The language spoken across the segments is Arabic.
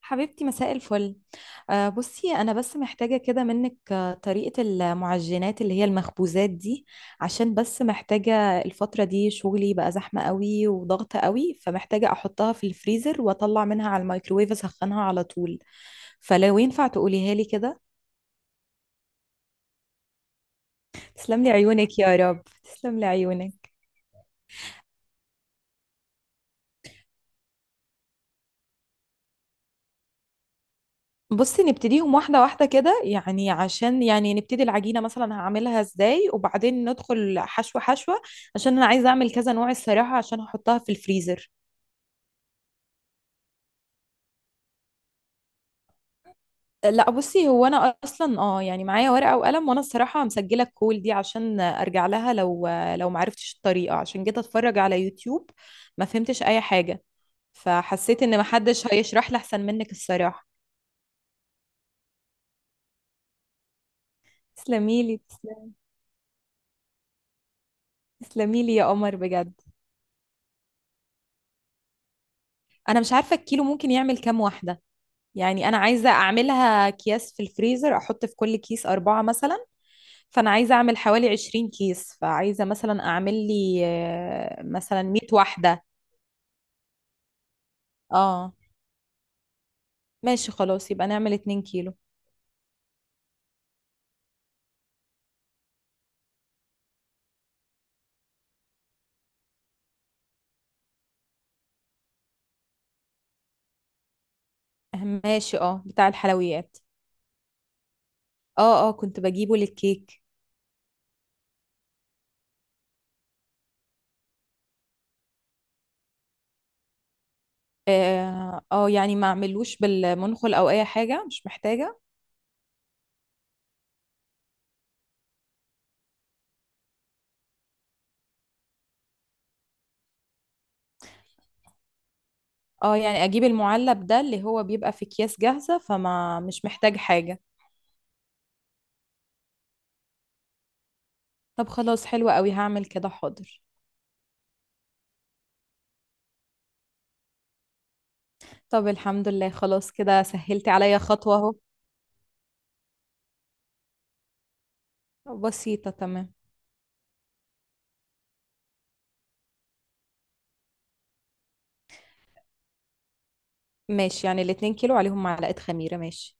حبيبتي مساء الفل. بصي انا بس محتاجه كده منك، طريقه المعجنات اللي هي المخبوزات دي. عشان بس محتاجه الفتره دي شغلي بقى زحمه قوي وضغط قوي، فمحتاجه احطها في الفريزر واطلع منها على الميكروويف اسخنها على طول. فلو ينفع تقوليها لي كده. تسلم لي عيونك يا رب، تسلم لي عيونك. بصي نبتديهم واحدة واحدة كده، يعني عشان يعني نبتدي العجينة مثلا هعملها ازاي، وبعدين ندخل حشوة حشوة. عشان انا عايزة اعمل كذا نوع الصراحة عشان هحطها في الفريزر. لا بصي، هو انا اصلا اه يعني معايا ورقة وقلم، وانا الصراحة مسجلة الكول دي عشان ارجع لها لو معرفتش الطريقة عشان جيت اتفرج على يوتيوب. ما فهمتش اي حاجة. فحسيت ان محدش هيشرح لي احسن منك الصراحة. تسلميلي. تسلميلي يا قمر بجد. انا مش عارفة الكيلو ممكن يعمل كام واحدة. يعني انا عايزه اعملها اكياس في الفريزر، احط في كل كيس اربعه مثلا. فانا عايزه اعمل حوالي 20 كيس، فعايزه مثلا اعمل لي مثلا 100 واحده. اه ماشي خلاص، يبقى نعمل 2 كيلو. ماشي اه، بتاع الحلويات. اه اه، كنت بجيبه للكيك. اه يعني ما اعملوش بالمنخل او اي حاجه، مش محتاجه. اه يعني اجيب المعلب ده اللي هو بيبقى في اكياس جاهزه، فما مش محتاج حاجه. طب خلاص حلوة قوي، هعمل كده حاضر. طب الحمد لله، خلاص كده سهلتي عليا خطوة اهو. بسيطة تمام. ماشي، يعني الاتنين كيلو عليهم معلقة خميرة، ماشي.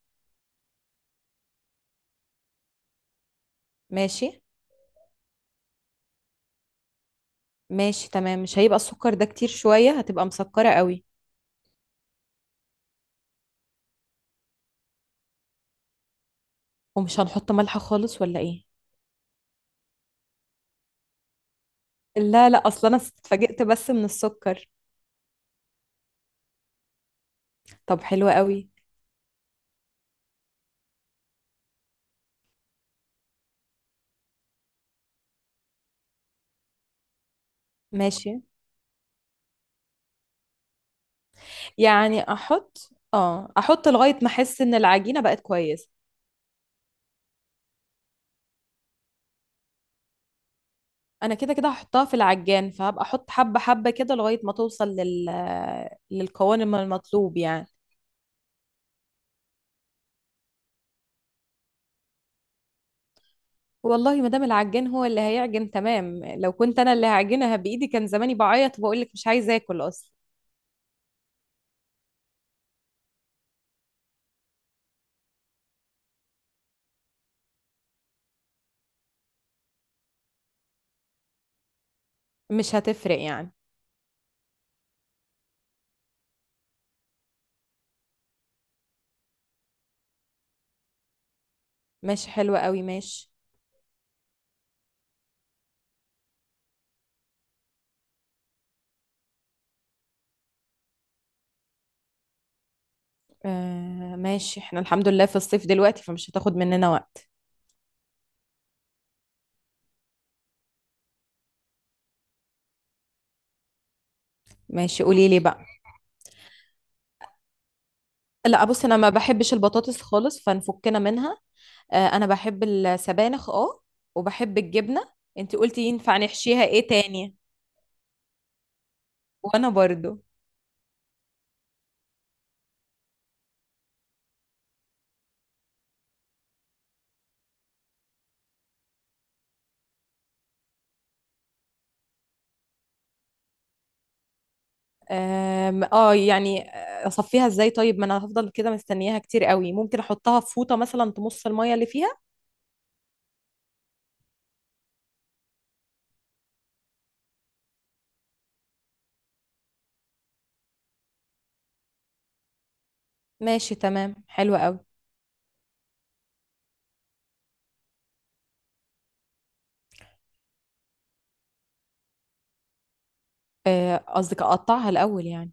ماشي. ماشي تمام، مش هيبقى السكر ده كتير شوية؟ هتبقى مسكرة قوي. ومش هنحط ملح خالص ولا ايه؟ لا لا، اصلا انا اتفاجئت بس من السكر. طب حلوة قوي. ماشي، يعني احط اه احط لغاية ما احس ان العجينة بقت كويسة. انا كده كده هحطها في العجان، فهبقى احط حبة حبة كده لغاية ما توصل للقوام المطلوب يعني. والله ما دام العجان هو اللي هيعجن تمام، لو كنت انا اللي هعجنها بايدي كان زماني بعيط وبقول لك مش عايزه اكل اصلا. مش هتفرق يعني. ماشي حلوة قوي ماشي. آه ماشي، احنا الحمد لله في الصيف دلوقتي، فمش هتاخد مننا وقت. ماشي، قولي لي بقى. لا بص، انا ما بحبش البطاطس خالص، فنفكنا منها. آه انا بحب السبانخ اه. وبحب الجبنة. انت قلتي ينفع نحشيها ايه تاني؟ وانا برضو. اه يعني. اصفيها ازاي طيب؟ ما انا هفضل كده مستنياها كتير قوي، ممكن احطها في فوطه مثلا تمص الميه اللي فيها. ماشي تمام، حلو قوي. قصدك اقطعها الاول يعني.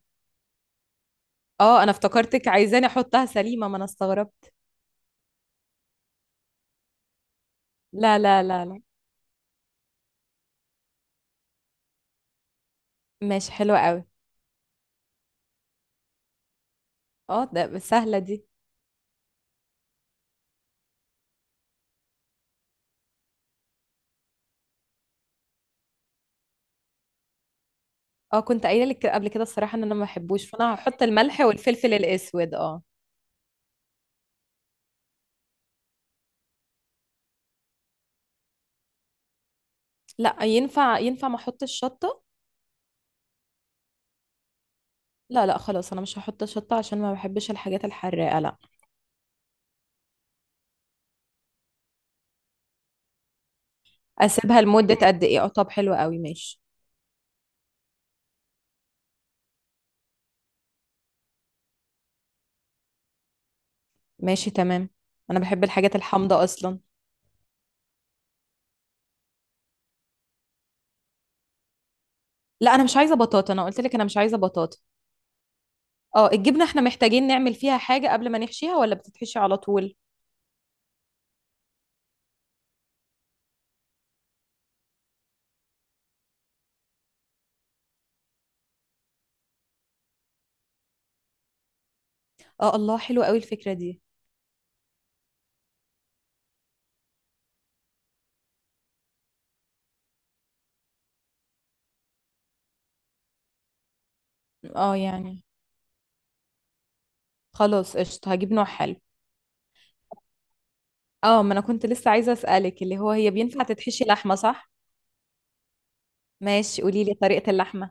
اه انا افتكرتك عايزاني احطها سليمه، ما انا استغربت. لا لا لا لا. ماشي حلوه قوي. اه ده سهله دي. اه كنت قايله لك قبل كده الصراحه ان انا ما بحبوش، فانا هحط الملح والفلفل الاسود اه. لا ينفع، ينفع ما احطش شطه؟ لا لا خلاص، انا مش هحط شطه عشان ما بحبش الحاجات الحراقه لا. اسيبها لمدة قد ايه؟ اه طب حلو قوي ماشي. ماشي تمام. انا بحب الحاجات الحامضة اصلا. لا انا مش عايزة بطاطا، انا قلت لك انا مش عايزة بطاطا. اه الجبنة احنا محتاجين نعمل فيها حاجة قبل ما نحشيها ولا بتتحشي على طول؟ اه الله، حلو قوي الفكرة دي. اه يعني. خلاص قشطة، هجيب نوع حلو. اه ما انا كنت لسه عايزة اسألك، اللي هو هي بينفع تتحشي لحمة صح؟ ماشي، قولي لي طريقة اللحمة.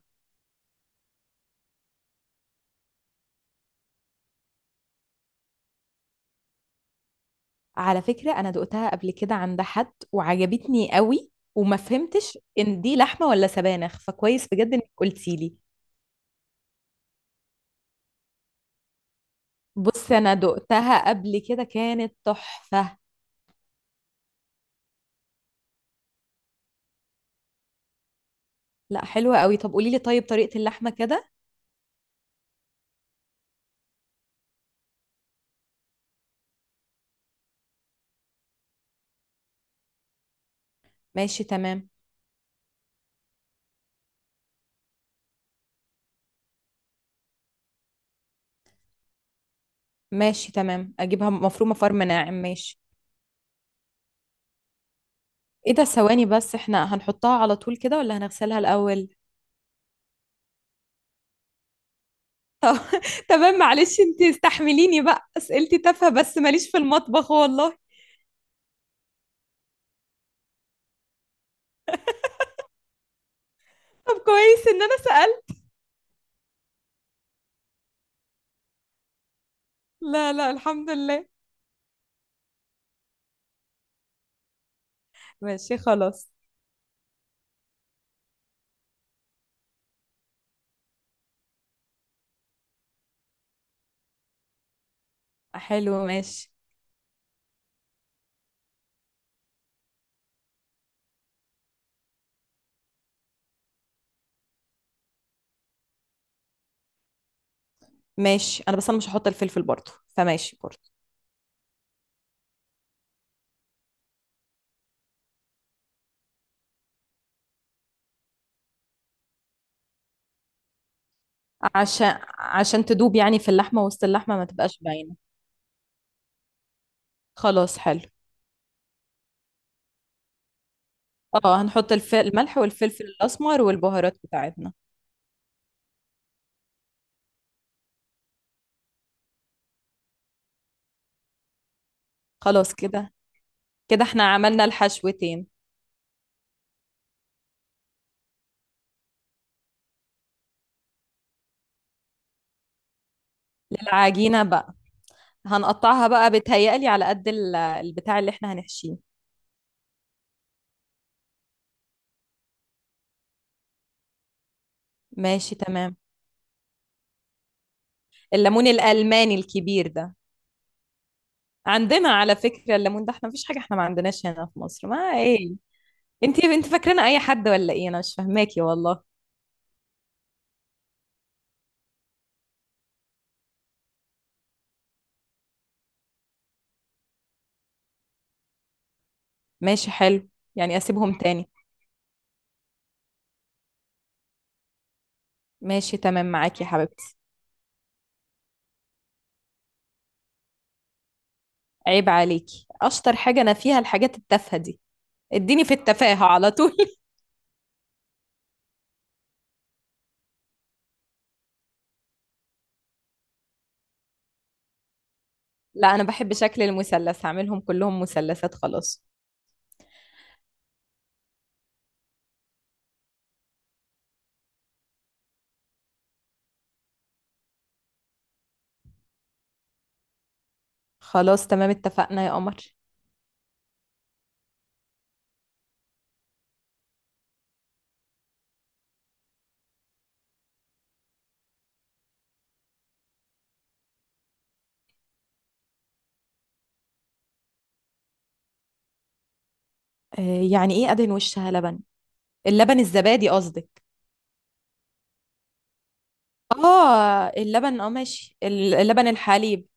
على فكرة انا دقتها قبل كده عند حد وعجبتني قوي، وما فهمتش ان دي لحمة ولا سبانخ، فكويس بجد انك قلتي لي. بصي انا دقتها قبل كده كانت تحفة. لا حلوة قوي، طب قولي لي طيب طريقة اللحمة كده. ماشي تمام. ماشي تمام، اجيبها مفرومة فرم ناعم، ماشي. ايه ده، ثواني بس، احنا هنحطها على طول كده ولا هنغسلها الاول؟ طب تمام، معلش انتي استحمليني بقى اسئلتي تافهة، بس ماليش في المطبخ والله. طب كويس ان انا سألت. لا لا الحمد لله. ماشي خلاص. حلو ماشي. ماشي، انا بس انا مش هحط الفلفل برضه، فماشي برضه. عشان تدوب يعني في اللحمة، وسط اللحمة ما تبقاش باينة. خلاص حلو. اه هنحط الملح والفلفل الأسمر والبهارات بتاعتنا. خلاص كده. كده احنا عملنا الحشوتين. للعجينة بقى. هنقطعها بقى، بتهيألي على قد البتاع اللي احنا هنحشيه. ماشي تمام. الليمون الألماني الكبير ده. عندنا على فكرة الليمون ده احنا مفيش حاجة، احنا ما عندناش هنا في مصر ما ايه. انت فاكرين اي حد ولا ايه؟ انا مش فاهماكي والله. ماشي حلو. يعني اسيبهم تاني؟ ماشي تمام معاكي يا حبيبتي. عيب عليكي، اشطر حاجة انا فيها الحاجات التافهة دي. اديني في التفاهة على طول لا انا بحب شكل المثلث، هعملهم كلهم مثلثات خلاص. خلاص تمام اتفقنا يا قمر. آه يعني ايه ادهن وشها لبن؟ اللبن الزبادي قصدك؟ اه اللبن، اه ماشي اللبن الحليب.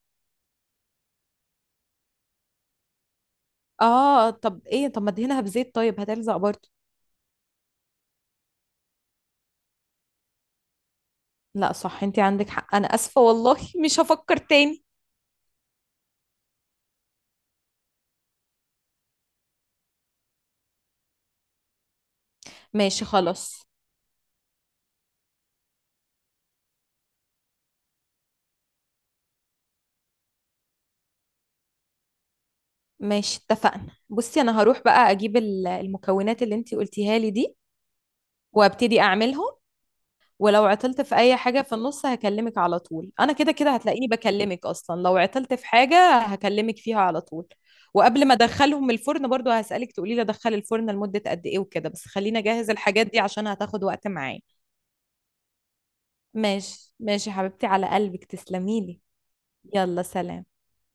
اه طب ايه، طب ما ادهنها بزيت طيب هتلزق برضه. لا صح، انت عندك حق، انا اسفة والله. مش هفكر تاني. ماشي خلاص، ماشي اتفقنا. بصي انا هروح بقى اجيب المكونات اللي انتي قلتيها لي دي. وابتدي اعملهم. ولو عطلت في اي حاجة في النص هكلمك على طول، انا كده كده هتلاقيني بكلمك اصلا، لو عطلت في حاجة هكلمك فيها على طول. وقبل ما ادخلهم الفرن برضو هسألك تقولي لي ادخل الفرن لمدة قد ايه وكده، بس خلينا اجهز الحاجات دي عشان هتاخد وقت معايا. ماشي ماشي يا حبيبتي، على قلبك، تسلميلي. يلا سلام.